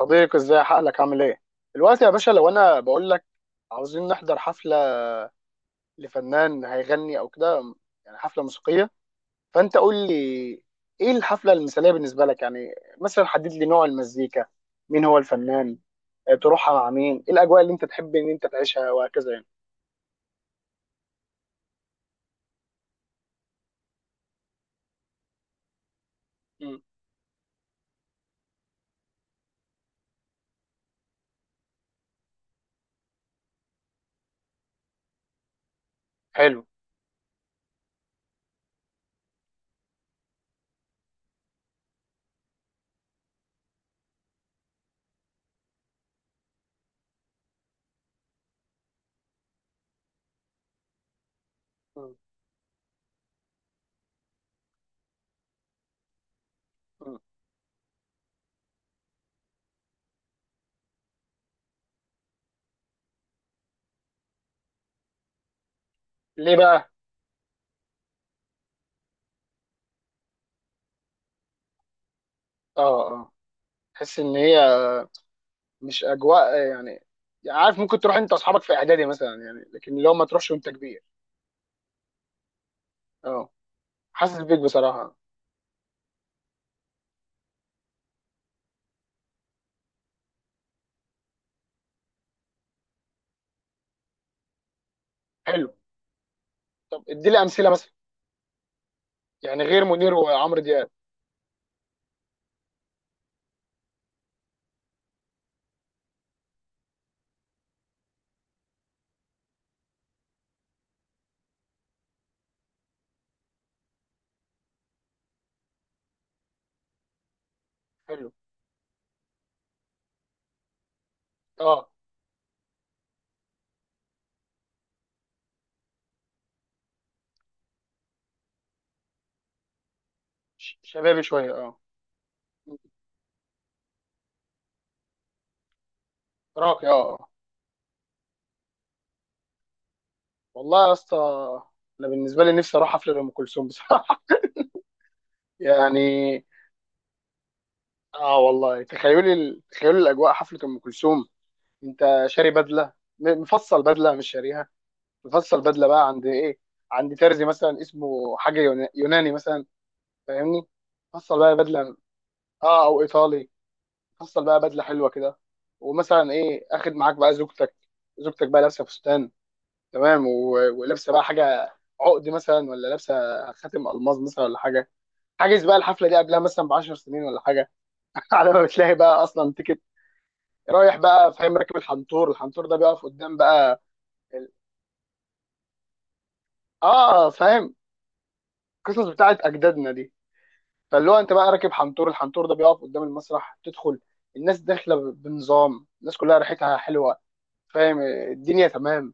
صديقي، ازاي حقلك؟ عامل ايه دلوقتي يا باشا؟ لو انا بقول لك عاوزين نحضر حفله لفنان هيغني او كده، يعني حفله موسيقيه، فانت قول لي ايه الحفله المثاليه بالنسبه لك يعني. مثلا حدد لي نوع المزيكا، مين هو الفنان، تروحها مع مين، ايه الاجواء اللي انت تحب ان انت تعيشها وهكذا يعني. مم. حلو. مم. مم. ليه بقى؟ اه اه. تحس ان هي مش اجواء يعني. يعني عارف، ممكن تروح انت واصحابك في اعدادي مثلا يعني، لكن لو ما تروحش وانت كبير. اه. حاسس بيك بصراحه. حلو. طب ادي لي امثله مثلا، يعني غير منير وعمرو دياب. حلو. اه، شبابي شويه، اه. راقي، اه. آه. والله يا اسطى، انا بالنسبه لي نفسي اروح حفله ام كلثوم بصراحه. يعني. اه والله، تخيلي تخيلي الاجواء، حفله ام كلثوم. انت شاري بدله، مفصل بدله، مش شاريها. مفصل بدله بقى عند ايه؟ عند ترزي مثلا اسمه حاجه يوناني مثلا، فاهمني؟ مفصل بقى بدله. اه، او ايطالي. حصل بقى بدله حلوه كده. ومثلا ايه، اخد معاك بقى زوجتك، زوجتك بقى لابسه فستان، تمام، ولابسه بقى حاجه، عقد مثلا، ولا لابسه خاتم الماظ مثلا ولا حاجه. حاجز بقى الحفله دي قبلها مثلا ب 10 سنين ولا حاجه. على ما بتلاقي بقى اصلا تيكت. رايح بقى، فاهم، راكب الحنطور، الحنطور ده بيقف قدام بقى ال... اه فاهم، القصص بتاعت اجدادنا دي. فاللي هو انت بقى راكب حنطور، الحنطور ده بيقف قدام المسرح، تدخل. الناس داخله بنظام، الناس كلها ريحتها حلوه، فاهم؟ الدنيا تمام،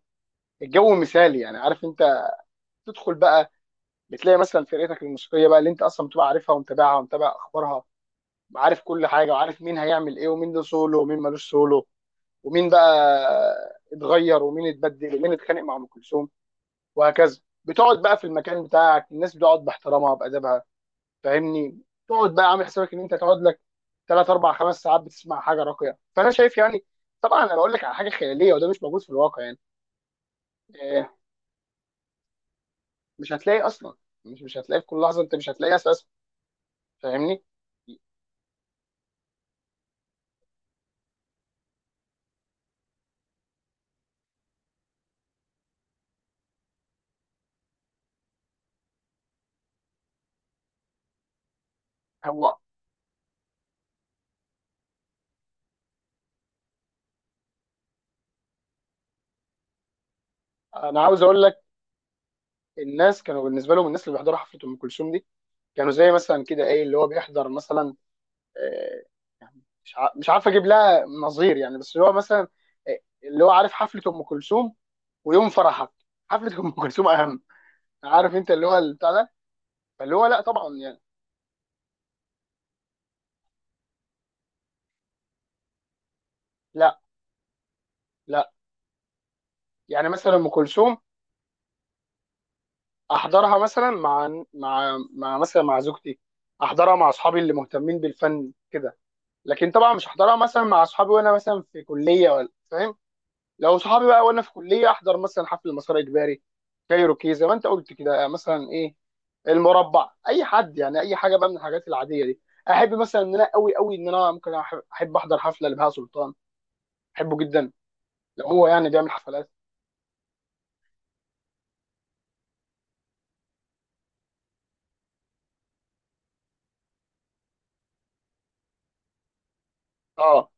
الجو مثالي، يعني عارف انت. تدخل بقى، بتلاقي مثلا فرقتك الموسيقيه بقى اللي انت اصلا بتبقى عارفها ومتابعها ومتابع اخبارها، وعارف كل حاجه، وعارف مين هيعمل ايه ومين له سولو ومين ملوش سولو، ومين بقى اتغير ومين اتبدل ومين اتخانق مع ام كلثوم وهكذا. بتقعد بقى في المكان بتاعك، الناس بتقعد باحترامها وبادبها، فاهمني؟ تقعد بقى عامل حسابك ان انت تقعد لك ثلاث اربع خمس ساعات بتسمع حاجه راقيه. فانا شايف يعني، طبعا انا بقول لك على حاجه خياليه، وده مش موجود في الواقع يعني. آه، مش هتلاقي اصلا، مش هتلاقي في كل لحظه، انت مش هتلاقي اساسا، فاهمني؟ هو انا عاوز اقول لك، الناس كانوا بالنسبه لهم، الناس اللي بيحضروا حفله ام كلثوم دي كانوا زي مثلا كده، ايه اللي هو بيحضر مثلا، آه، يعني مش عارف اجيب لها نظير يعني، بس هو مثلا آه، اللي هو عارف، حفله ام كلثوم ويوم فرحك، حفله ام كلثوم اهم. عارف انت اللي هو البتاع ده. فاللي هو لا طبعا يعني. لا لا. يعني مثلا ام كلثوم احضرها مثلا مع مع مثلا مع زوجتي، احضرها مع اصحابي اللي مهتمين بالفن كده. لكن طبعا مش احضرها مثلا مع اصحابي وانا مثلا في كليه ولا فاهم. لو صحابي بقى وانا في كليه، احضر مثلا حفل مسار اجباري، كايروكي زي ما انت قلت كده، مثلا ايه، المربع، اي حد، يعني اي حاجه بقى من الحاجات العاديه دي. احب مثلا ان انا قوي قوي ان انا ممكن احب احضر حفله لبهاء سلطان، احبه جدا، لو هو يعني بيعمل حفلات. اه.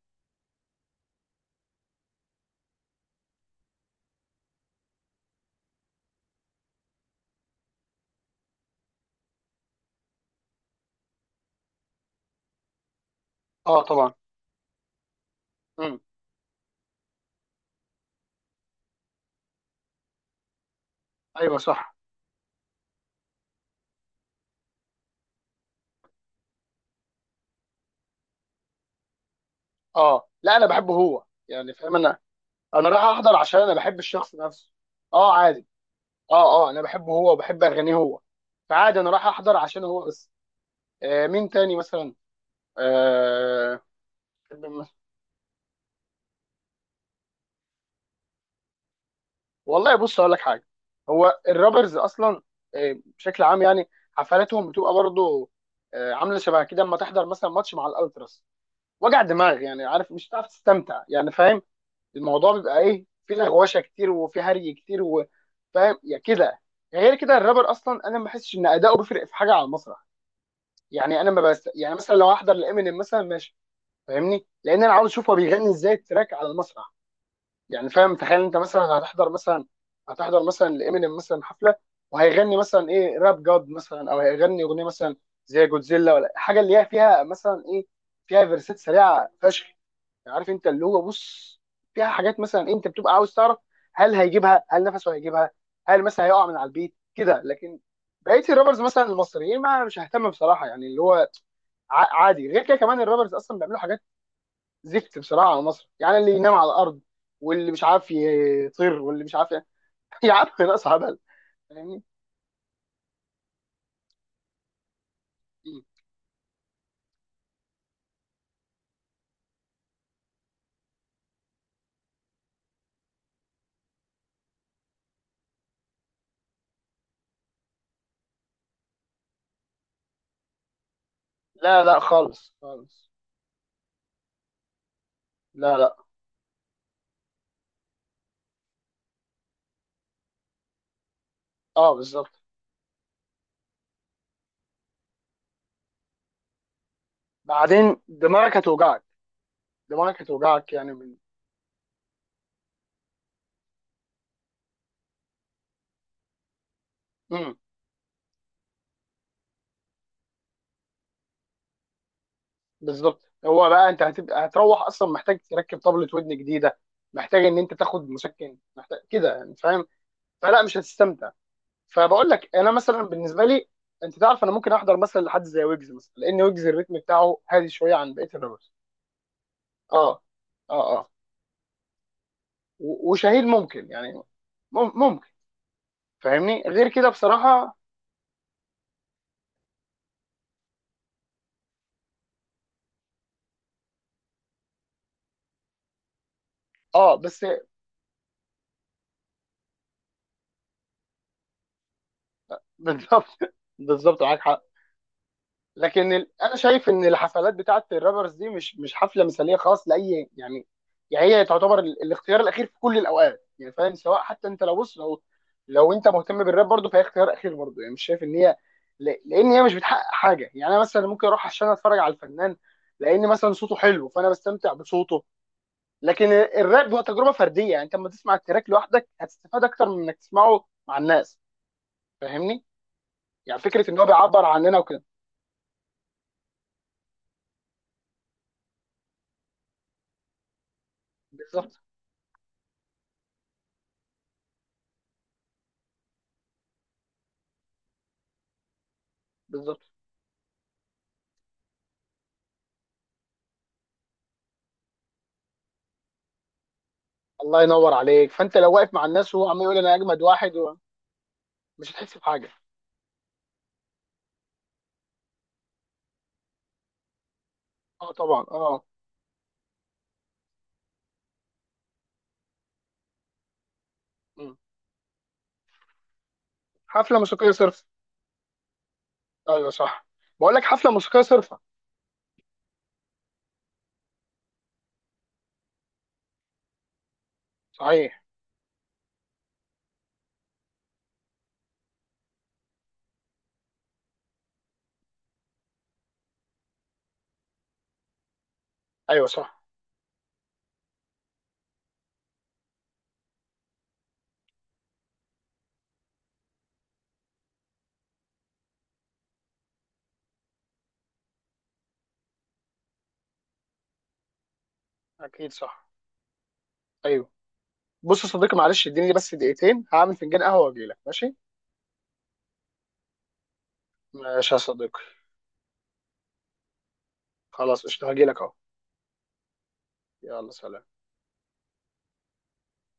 اه طبعا. امم. ايوه صح. اه لا، انا بحبه هو يعني فاهم. انا انا رايح احضر عشان انا بحب الشخص نفسه. اه عادي. اه اه. انا بحبه هو وبحب اغانيه هو، فعادي انا رايح احضر عشان هو بس. آه، مين تاني مثلا؟ آه والله، بص اقول لك حاجه. هو الرابرز اصلا بشكل عام، يعني حفلاتهم بتبقى برضو عامله شبه كده، اما تحضر مثلا ماتش مع الالتراس، وجع دماغ يعني، عارف، مش هتعرف تستمتع يعني، فاهم؟ الموضوع بيبقى ايه، في لغوشه كتير وفي هري كتير فاهم يا كده. غير كده الرابر اصلا انا ما بحسش ان اداؤه بيفرق في حاجه على المسرح، يعني انا ما بس، يعني مثلا لو احضر لامينيم مثلا ماشي، فاهمني؟ لان انا عاوز اشوف هو بيغني ازاي التراك على المسرح. يعني فاهم، تخيل انت مثلا هتحضر مثلا لامينيم مثلا حفله، وهيغني مثلا ايه، راب جاد مثلا، او هيغني اغنيه مثلا زي جودزيلا ولا حاجه، اللي هي فيها مثلا ايه، فيها فيرسات سريعه فشخ، عارف انت اللي هو بص، فيها حاجات مثلا انت بتبقى عاوز تعرف، هل هيجيبها، هل نفسه هيجيبها، هل مثلا هيقع من على البيت كده. لكن بقيه الرابرز مثلا المصريين ما مش ههتم بصراحه يعني، اللي هو عادي. غير كده كمان الرابرز اصلا بيعملوا حاجات زفت بصراحه على مصر، يعني اللي ينام على الارض، واللي مش عارف يطير، واللي مش عارف ي- يا عم ناقص هبل، فاهمني؟ لا لا خالص خالص. لا لا. اه بالظبط. بعدين دماغك هتوجعك، دماغك هتوجعك يعني، من. مم. بالظبط. هو بقى انت هتروح اصلا محتاج تركب طبلة ودن جديده، محتاج ان انت تاخد مسكن، محتاج كده يعني فاهم. فلا، مش هتستمتع. فبقول لك انا مثلا بالنسبه لي، انت تعرف انا ممكن احضر مثلا لحد زي ويجز مثلا، لان ويجز الريتم بتاعه هادي شويه عن بقيه الرابرز. اه اه اه. وشاهين ممكن يعني، ممكن. فاهمني. غير كده بصراحه اه، بس. بالظبط. بالظبط معاك حق. لكن انا شايف ان الحفلات بتاعه الرابرز دي مش مش حفله مثاليه خالص لاي يعني. يعني هي تعتبر الاختيار الاخير في كل الاوقات يعني، فاهم؟ سواء حتى انت لو بص، لو انت مهتم بالراب برضه، فهي اختيار اخير برضه. يعني مش شايف ان هي لان هي مش بتحقق حاجه. يعني انا مثلا ممكن اروح عشان اتفرج على الفنان، لان مثلا صوته حلو فانا بستمتع بصوته، لكن الراب هو تجربه فرديه، يعني انت لما تسمع التراك لوحدك هتستفاد اكتر من انك تسمعه مع الناس، فاهمني؟ يعني فكره ان هو بيعبر عننا وكده. بالظبط. بالظبط. الله ينور عليك. فانت لو واقف مع الناس وهو عمال يقول انا اجمد واحد و... مش هتحس بحاجه. اه طبعا. اه. مم. حفله موسيقيه صرف. ايوه صح. بقول لك حفله موسيقيه صرفه. صحيح. ايوه صح. اكيد صح. ايوه. بص يا صديقي معلش، اديني بس دقيقتين هعمل فنجان قهوه واجي لك، ماشي؟ ماشي يا صديقي. خلاص قشطه، هاجي لك اهو. يلا سلام.